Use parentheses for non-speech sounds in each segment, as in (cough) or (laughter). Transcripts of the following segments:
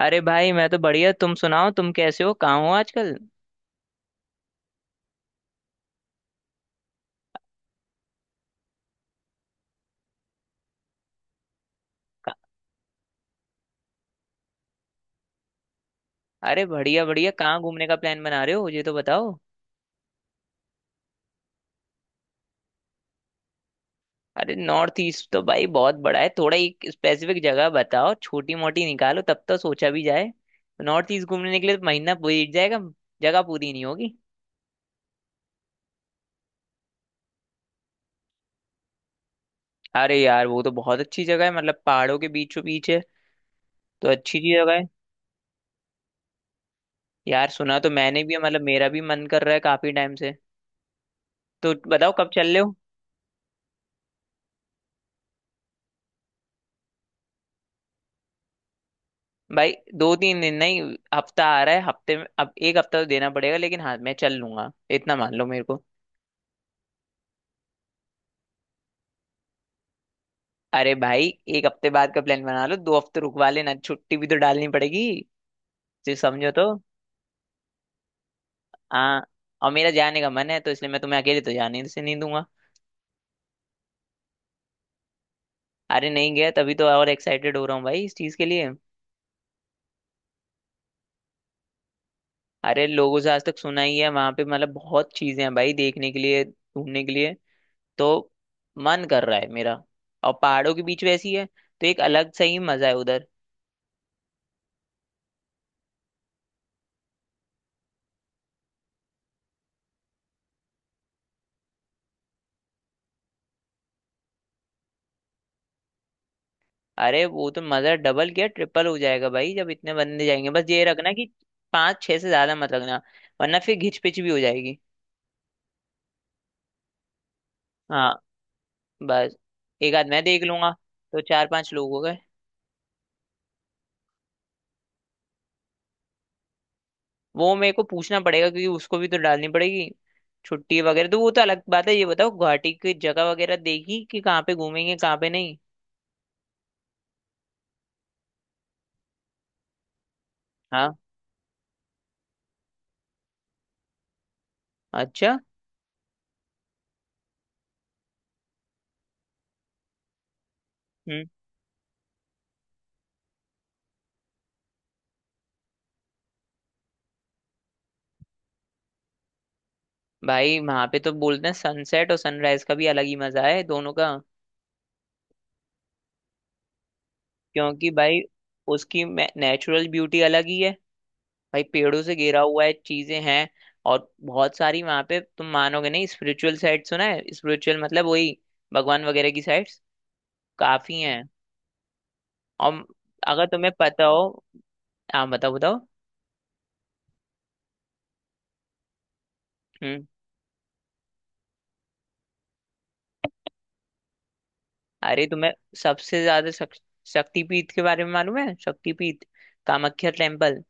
अरे भाई मैं तो बढ़िया। तुम सुनाओ, तुम कैसे हो? कहाँ हो आजकल? अरे बढ़िया बढ़िया, कहाँ घूमने का प्लान बना रहे हो, ये तो बताओ। अरे नॉर्थ ईस्ट तो भाई बहुत बड़ा है, थोड़ा एक स्पेसिफिक जगह बताओ, छोटी मोटी निकालो, तब तो सोचा भी जाए। नॉर्थ ईस्ट घूमने के लिए तो महीना बीत जाएगा, जगह पूरी नहीं होगी। अरे यार वो तो बहुत अच्छी जगह है, मतलब पहाड़ों के बीचों बीच है, तो अच्छी सी जगह है। यार सुना तो मैंने भी है, मतलब मेरा भी मन कर रहा है काफी टाइम से। तो बताओ कब चल रहे हो? भाई 2-3 दिन नहीं, हफ्ता आ रहा है, हफ्ते में अब 1 हफ्ता तो देना पड़ेगा, लेकिन हाँ मैं चल लूंगा, इतना मान लो मेरे को। अरे भाई 1 हफ्ते बाद का प्लान बना लो, 2 हफ्ते रुकवा लेना, छुट्टी भी तो डालनी पड़ेगी जो, समझो तो। हाँ। और मेरा जाने का मन है, तो इसलिए मैं तुम्हें अकेले तो जाने से नहीं दूंगा। अरे नहीं गया तभी तो और एक्साइटेड हो रहा हूँ भाई इस चीज के लिए। अरे लोगों से आज तक सुना ही है वहां पे, मतलब बहुत चीजें हैं भाई देखने के लिए, घूमने के लिए, तो मन कर रहा है मेरा। और पहाड़ों के बीच वैसी है, तो एक अलग सही मजा है उधर। अरे वो तो मजा डबल क्या ट्रिपल हो जाएगा भाई, जब इतने बंदे जाएंगे। बस ये रखना कि पाँच छह से ज्यादा मत रखना, वरना फिर घिच पिच भी हो जाएगी। हाँ, बस। एक आध मैं देख लूंगा, तो चार पांच लोग हो गए। वो मेरे को पूछना पड़ेगा, क्योंकि उसको भी तो डालनी पड़ेगी छुट्टी वगैरह, तो वो तो अलग बात है। ये बताओ गुवाहाटी की जगह वगैरह देखी कि कहाँ पे घूमेंगे कहाँ पे नहीं? हाँ। अच्छा। हम्म। भाई वहां पे तो बोलते हैं सनसेट और सनराइज का भी अलग ही मजा है, दोनों का। क्योंकि भाई उसकी नेचुरल ब्यूटी अलग ही है, भाई पेड़ों से घिरा हुआ है, चीजें हैं और बहुत सारी वहां पे। तुम मानोगे नहीं, स्पिरिचुअल साइट सुना है, स्पिरिचुअल मतलब वही, भगवान वगैरह की साइट्स काफी हैं। और अगर तुम्हें पता हो। हाँ बताओ बताओ। हम्म। अरे तुम्हें सबसे ज्यादा शक्तिपीठ के बारे में मालूम है? शक्तिपीठ, कामाख्या टेम्पल।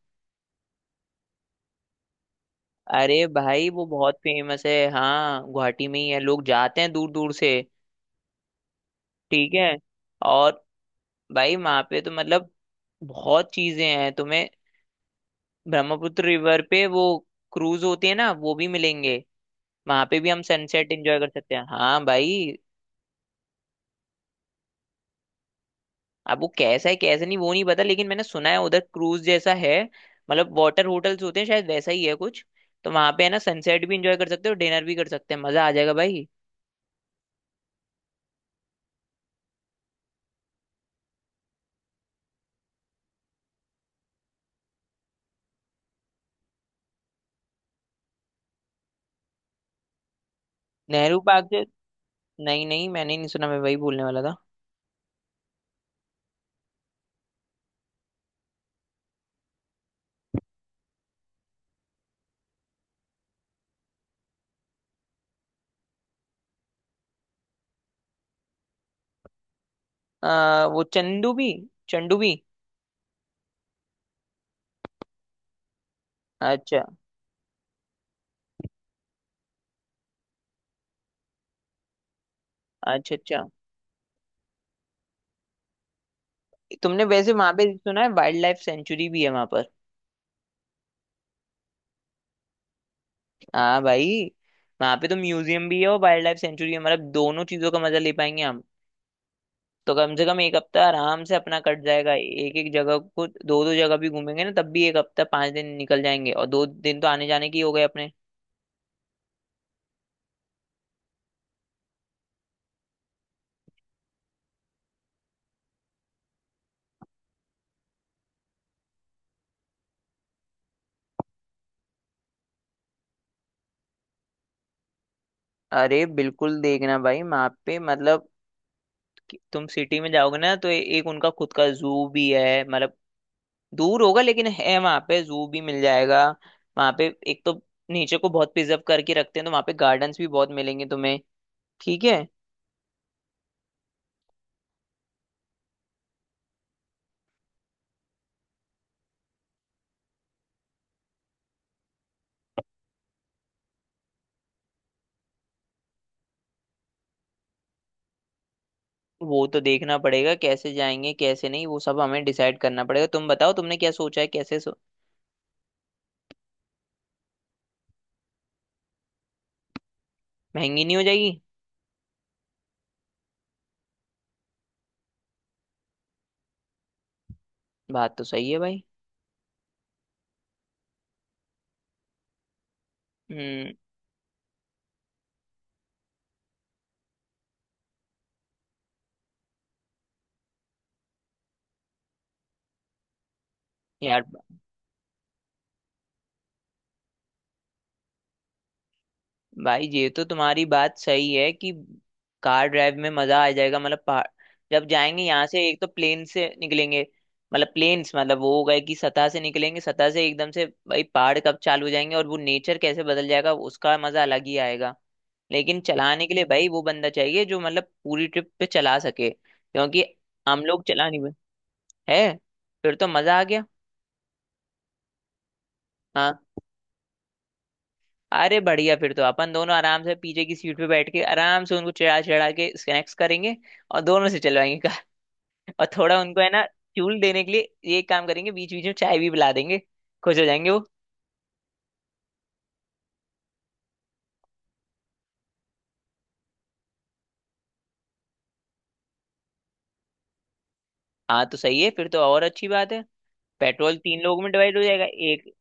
अरे भाई वो बहुत फेमस है, हाँ, गुवाहाटी में ही है, लोग जाते हैं दूर दूर से। ठीक है। और भाई वहां पे तो मतलब बहुत चीजें हैं तुम्हें। ब्रह्मपुत्र रिवर पे वो क्रूज होती है ना, वो भी मिलेंगे, वहां पे भी हम सनसेट एंजॉय कर सकते हैं, हाँ भाई। अब वो कैसा है कैसा नहीं वो नहीं पता, लेकिन मैंने सुना है उधर क्रूज जैसा है, मतलब वाटर होटल्स होते हैं, शायद वैसा ही है कुछ। तो वहां पे है ना सनसेट भी एंजॉय कर सकते हो, डिनर भी कर सकते हैं, मजा आ जाएगा भाई। नेहरू पार्क से, नहीं नहीं मैंने नहीं सुना, मैं वही बोलने वाला था। वो चंदू भी। अच्छा अच्छा। अच्छा, तुमने वैसे वहां पे सुना है वाइल्ड लाइफ सेंचुरी भी है वहां पर? हाँ भाई, वहां पे तो म्यूजियम भी है और वाइल्ड लाइफ सेंचुरी है, मतलब दोनों चीजों का मजा ले पाएंगे हम। तो कम से कम 1 हफ्ता आराम से अपना कट जाएगा, एक एक जगह को दो दो जगह भी घूमेंगे ना तब भी, 1 हफ्ता 5 दिन निकल जाएंगे और 2 दिन तो आने जाने के ही हो गए अपने। अरे बिल्कुल देखना भाई, वहां पे मतलब कि तुम सिटी में जाओगे ना तो एक उनका खुद का जू भी है, मतलब दूर होगा लेकिन है, वहां पे जू भी मिल जाएगा। वहां पे एक तो नेचर को बहुत प्रिजर्व करके रखते हैं, तो वहां पे गार्डन्स भी बहुत मिलेंगे तुम्हें। ठीक है। वो तो देखना पड़ेगा कैसे जाएंगे कैसे नहीं, वो सब हमें डिसाइड करना पड़ेगा। तुम बताओ तुमने क्या सोचा है कैसे? महंगी नहीं हो जाएगी? बात तो सही है भाई। हम्म। यार भाई ये तो तुम्हारी बात सही है कि कार ड्राइव में मजा आ जाएगा, मतलब पहाड़। जब जाएंगे यहाँ से एक तो प्लेन से निकलेंगे, मतलब प्लेन्स, मतलब वो हो गए कि सतह से निकलेंगे, सतह से एकदम से भाई पहाड़ कब चालू हो जाएंगे और वो नेचर कैसे बदल जाएगा उसका मजा अलग ही आएगा। लेकिन चलाने के लिए भाई वो बंदा चाहिए जो, मतलब पूरी ट्रिप पे चला सके, क्योंकि हम लोग चला नहीं है। फिर तो मजा आ गया। हाँ, अरे बढ़िया, फिर तो अपन दोनों आराम से पीछे की सीट पे बैठ के आराम से उनको चढ़ा चढ़ा के स्नैक्स करेंगे, और दोनों से चलवाएंगे कार। (laughs) और थोड़ा उनको है ना, फ्यूल देने के लिए ये काम करेंगे, बीच बीच में चाय भी पिला देंगे, खुश हो जाएंगे वो। हाँ तो सही है, फिर तो और अच्छी बात है, पेट्रोल तीन लोगों में डिवाइड हो जाएगा। एक,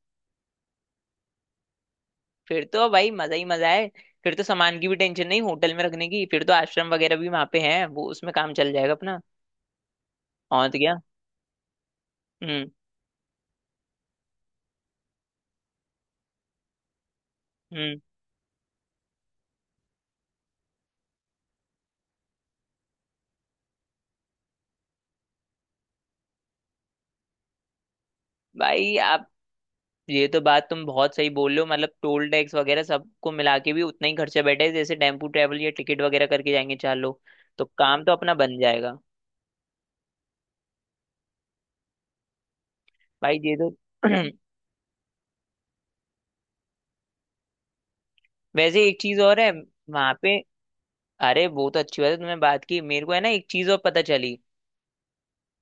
फिर तो भाई मजा ही मजा है। फिर तो सामान की भी टेंशन नहीं होटल में रखने की, फिर तो आश्रम वगैरह भी वहां पे है, वो उसमें काम चल जाएगा अपना। और तो क्या। हम्म। हम्म। भाई आप ये तो बात तुम बहुत सही बोल रहे हो, मतलब टोल टैक्स वगैरह सबको मिला के भी उतना ही खर्चा बैठे जैसे टेम्पू ट्रैवल या टिकट वगैरह करके जाएंगे चार लोग, तो काम तो अपना बन जाएगा। भाई ये तो (clears throat) वैसे एक चीज और है वहां पे। अरे वो तो अच्छी बात है तुमने बात की। मेरे को है ना एक चीज और पता चली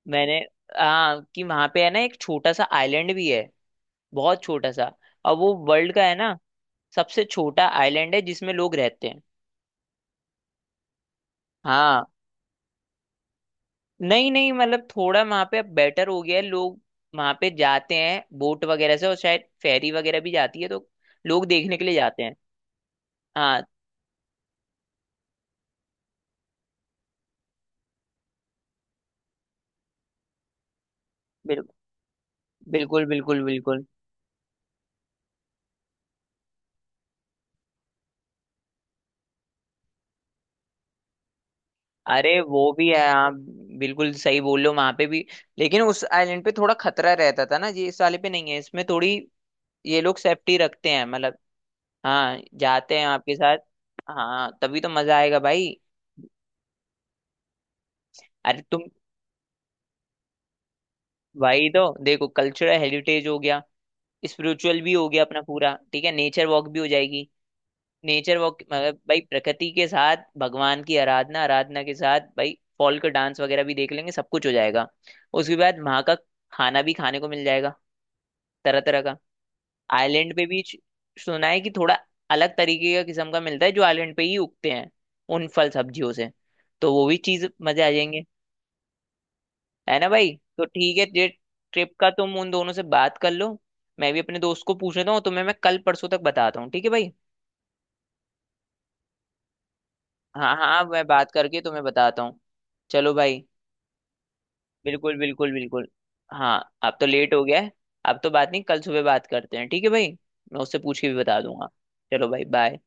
मैंने। हाँ, कि वहां पे है ना एक छोटा सा आइलैंड भी है, बहुत छोटा सा, और वो वर्ल्ड का है ना सबसे छोटा आइलैंड है जिसमें लोग रहते हैं। हाँ। नहीं नहीं, मतलब थोड़ा वहां पे अब बेटर हो गया है, लोग वहां पे जाते हैं बोट वगैरह से, और शायद फेरी वगैरह भी जाती है, तो लोग देखने के लिए जाते हैं। हाँ। बिल, बिल्कुल बिल्कुल बिल्कुल। अरे वो भी है हाँ, बिल्कुल सही बोल रहे हो, वहां पे भी। लेकिन उस आइलैंड पे थोड़ा खतरा रहता था ना, ये इस वाले पे नहीं है, इसमें थोड़ी ये लोग सेफ्टी रखते हैं, मतलब। हाँ जाते हैं आपके साथ। हाँ तभी तो मजा आएगा भाई। अरे तुम। भाई तो देखो कल्चरल हेरिटेज हो गया, स्पिरिचुअल भी हो गया अपना पूरा, ठीक है, नेचर वॉक भी हो जाएगी। नेचर वॉक मतलब भाई प्रकृति के साथ भगवान की आराधना, आराधना के साथ भाई फॉल्क डांस वगैरह भी देख लेंगे, सब कुछ हो जाएगा। उसके बाद वहां का खाना भी खाने को मिल जाएगा तरह तरह का। आइलैंड पे भी सुना है कि थोड़ा अलग तरीके का किस्म का मिलता है, जो आइलैंड पे ही उगते हैं उन फल सब्जियों से, तो वो भी चीज मजे आ जाएंगे, है ना भाई? तो ठीक है ये ट्रिप का तुम उन दोनों से बात कर लो, मैं भी अपने दोस्त को पूछ लेता हूँ, तुम्हें मैं कल परसों तक बताता हूँ, ठीक है भाई? हाँ हाँ हाँ, मैं बात करके तुम्हें बताता हूँ। चलो भाई। बिल्कुल बिल्कुल बिल्कुल। हाँ अब तो लेट हो गया है, अब तो बात नहीं, कल सुबह बात करते हैं, ठीक है भाई? मैं उससे पूछ के भी बता दूंगा। चलो भाई, बाय।